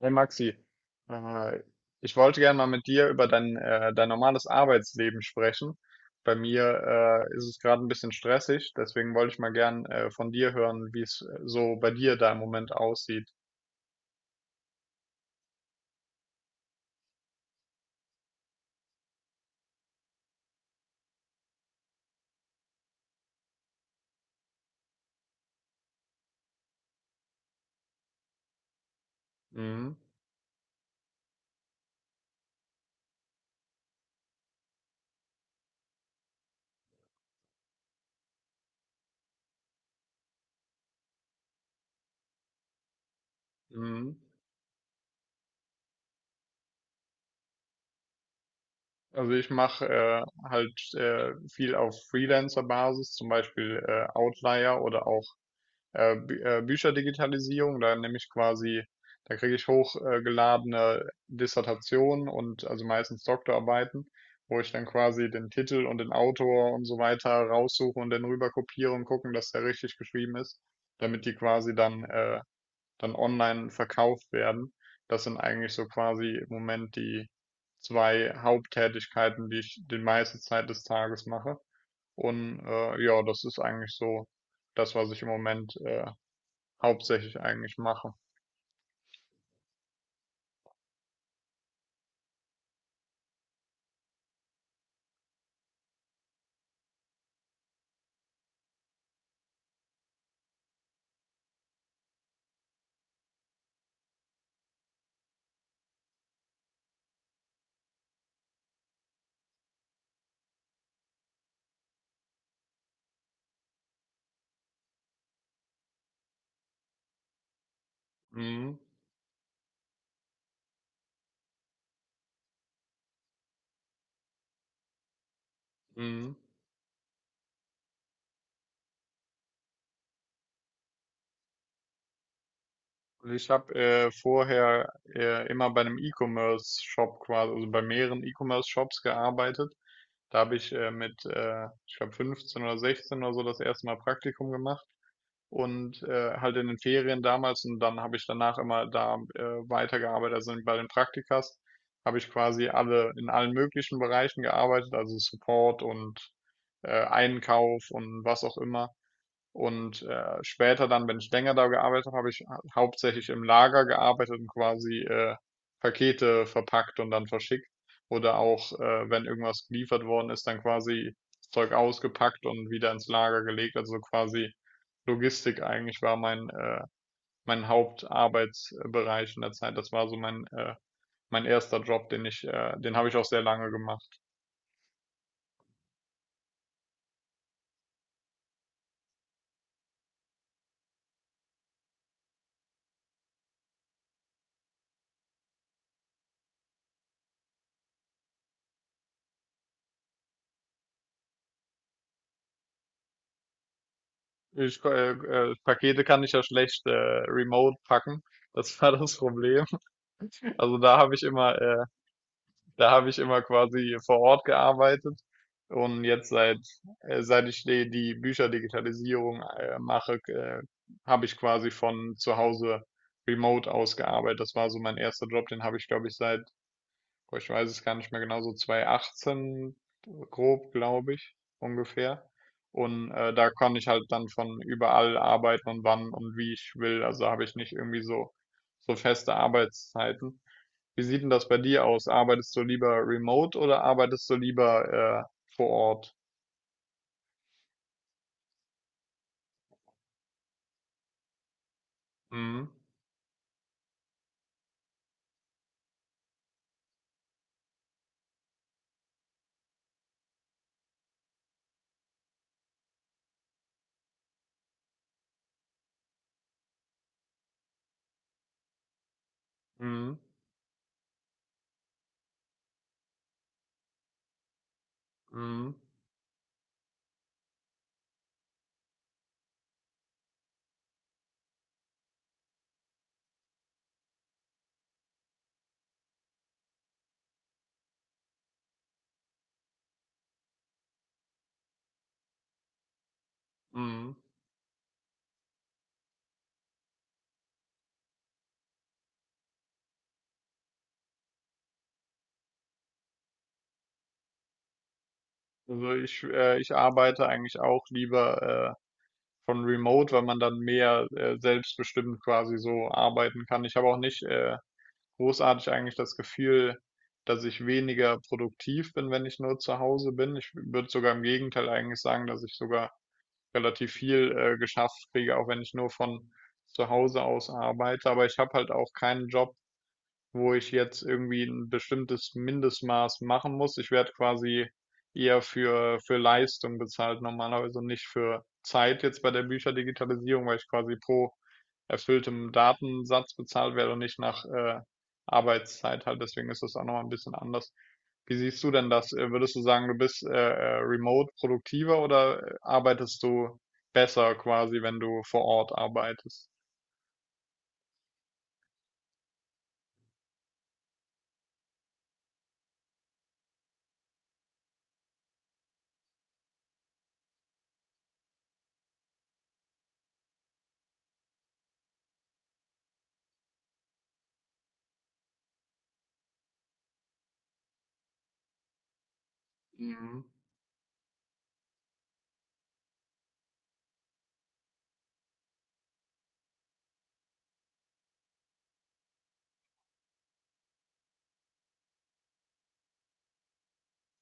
Hey Maxi, äh, ich wollte gerne mal mit dir über dein normales Arbeitsleben sprechen. Bei mir ist es gerade ein bisschen stressig, deswegen wollte ich mal gern von dir hören, wie es so bei dir da im Moment aussieht. Mhm. Mhm. Also ich mache halt viel auf Freelancer-Basis, zum Beispiel Outlier oder auch Bü Bücherdigitalisierung. Da kriege ich hochgeladene Dissertationen und also meistens Doktorarbeiten, wo ich dann quasi den Titel und den Autor und so weiter raussuche und dann rüber kopiere und gucken, dass der richtig geschrieben ist, damit die quasi dann online verkauft werden. Das sind eigentlich so quasi im Moment die zwei Haupttätigkeiten, die ich die meiste Zeit des Tages mache. Und ja, das ist eigentlich so das, was ich im Moment hauptsächlich eigentlich mache. Mhm. Mhm. Und ich habe vorher immer bei einem E-Commerce-Shop quasi, also bei mehreren E-Commerce-Shops gearbeitet. Da habe ich mit, ich glaube 15 oder 16 oder so das erste Mal Praktikum gemacht und halt in den Ferien damals und dann habe ich danach immer da weitergearbeitet. Also bei den Praktikas habe ich quasi alle in allen möglichen Bereichen gearbeitet, also Support und Einkauf und was auch immer. Und später dann, wenn ich länger da gearbeitet habe, habe ich hauptsächlich im Lager gearbeitet und Pakete verpackt und dann verschickt. Oder auch, wenn irgendwas geliefert worden ist, dann quasi das Zeug ausgepackt und wieder ins Lager gelegt. Also quasi Logistik eigentlich war mein Hauptarbeitsbereich in der Zeit. Das war so mein erster Job, den habe ich auch sehr lange gemacht. Pakete kann ich ja schlecht remote packen. Das war das Problem. Also da habe ich immer quasi vor Ort gearbeitet und jetzt seit ich die Bücherdigitalisierung mache, habe ich quasi von zu Hause remote aus gearbeitet. Das war so mein erster Job, den habe ich glaube ich seit, boah, ich weiß es gar nicht mehr genau, so 2018 grob, glaube ich, ungefähr. Und da kann ich halt dann von überall arbeiten und wann und wie ich will. Also habe ich nicht irgendwie so feste Arbeitszeiten. Wie sieht denn das bei dir aus? Arbeitest du lieber remote oder arbeitest du lieber vor Ort? Mhm. Mhm. Mhm. Mhm. Also ich arbeite eigentlich auch lieber von remote, weil man dann mehr selbstbestimmt quasi so arbeiten kann. Ich habe auch nicht großartig eigentlich das Gefühl, dass ich weniger produktiv bin, wenn ich nur zu Hause bin. Ich würde sogar im Gegenteil eigentlich sagen, dass ich sogar relativ viel geschafft kriege, auch wenn ich nur von zu Hause aus arbeite. Aber ich habe halt auch keinen Job, wo ich jetzt irgendwie ein bestimmtes Mindestmaß machen muss. Ich werde quasi eher für Leistung bezahlt normalerweise und nicht für Zeit jetzt bei der Bücherdigitalisierung, weil ich quasi pro erfülltem Datensatz bezahlt werde und nicht nach Arbeitszeit halt. Deswegen ist das auch nochmal ein bisschen anders. Wie siehst du denn das? Würdest du sagen, du bist remote produktiver oder arbeitest du besser quasi, wenn du vor Ort arbeitest? Ja. Mhm.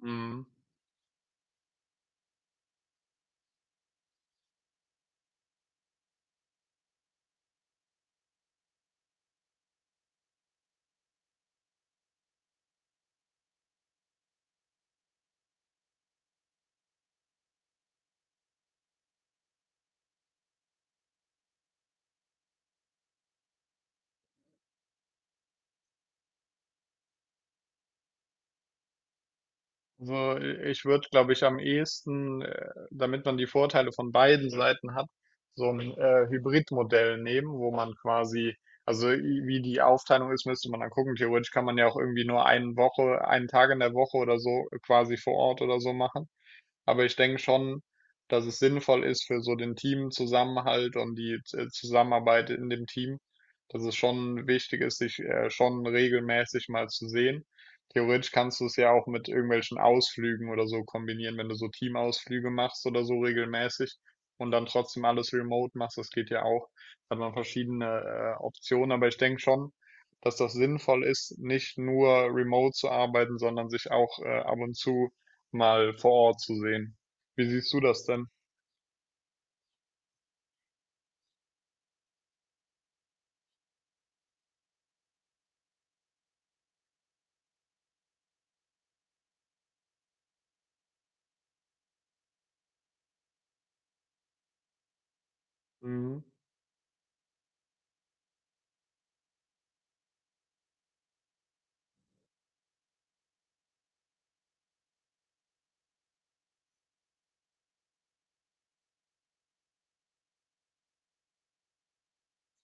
Mhm. Also ich würde, glaube ich, am ehesten, damit man die Vorteile von beiden Seiten hat, so ein Hybridmodell nehmen, wo man quasi, wie die Aufteilung ist, müsste man dann gucken. Theoretisch kann man ja auch irgendwie nur eine Woche, einen Tag in der Woche oder so quasi vor Ort oder so machen. Aber ich denke schon, dass es sinnvoll ist für so den Teamzusammenhalt und die Zusammenarbeit in dem Team, dass es schon wichtig ist, sich schon regelmäßig mal zu sehen. Theoretisch kannst du es ja auch mit irgendwelchen Ausflügen oder so kombinieren, wenn du so Teamausflüge machst oder so regelmäßig und dann trotzdem alles remote machst, das geht ja auch. Da hat man verschiedene Optionen, aber ich denke schon, dass das sinnvoll ist, nicht nur remote zu arbeiten, sondern sich auch ab und zu mal vor Ort zu sehen. Wie siehst du das denn? Mhm.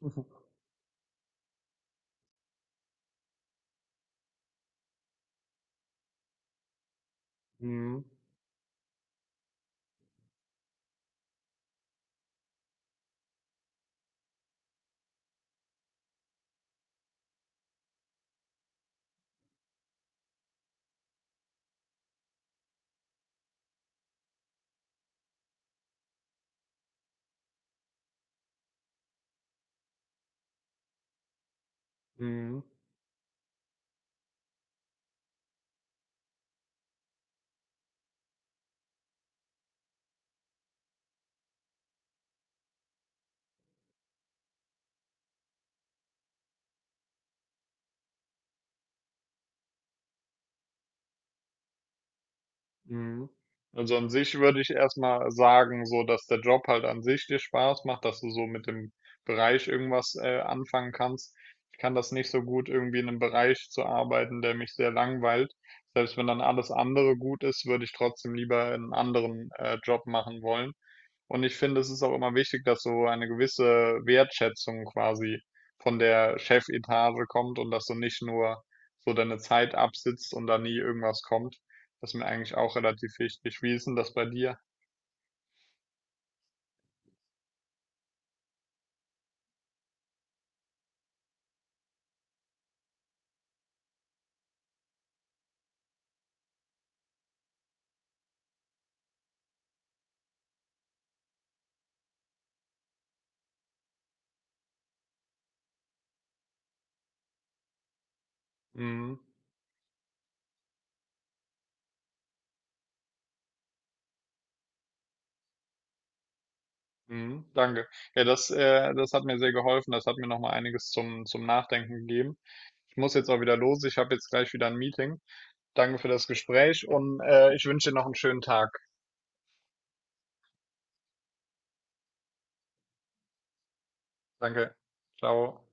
Mhm. Mhm. Mhm. Also an sich würde ich erstmal sagen, so dass der Job halt an sich dir Spaß macht, dass du so mit dem Bereich irgendwas anfangen kannst. Ich kann das nicht so gut, irgendwie in einem Bereich zu arbeiten, der mich sehr langweilt. Selbst wenn dann alles andere gut ist, würde ich trotzdem lieber einen anderen Job machen wollen. Und ich finde, es ist auch immer wichtig, dass so eine gewisse Wertschätzung quasi von der Chefetage kommt und dass du nicht nur so deine Zeit absitzt und da nie irgendwas kommt. Das ist mir eigentlich auch relativ wichtig. Wie ist denn das bei dir? Mhm. Mhm. Danke. Ja, das hat mir sehr geholfen. Das hat mir nochmal einiges zum Nachdenken gegeben. Ich muss jetzt auch wieder los. Ich habe jetzt gleich wieder ein Meeting. Danke für das Gespräch und ich wünsche dir noch einen schönen Tag. Danke. Ciao.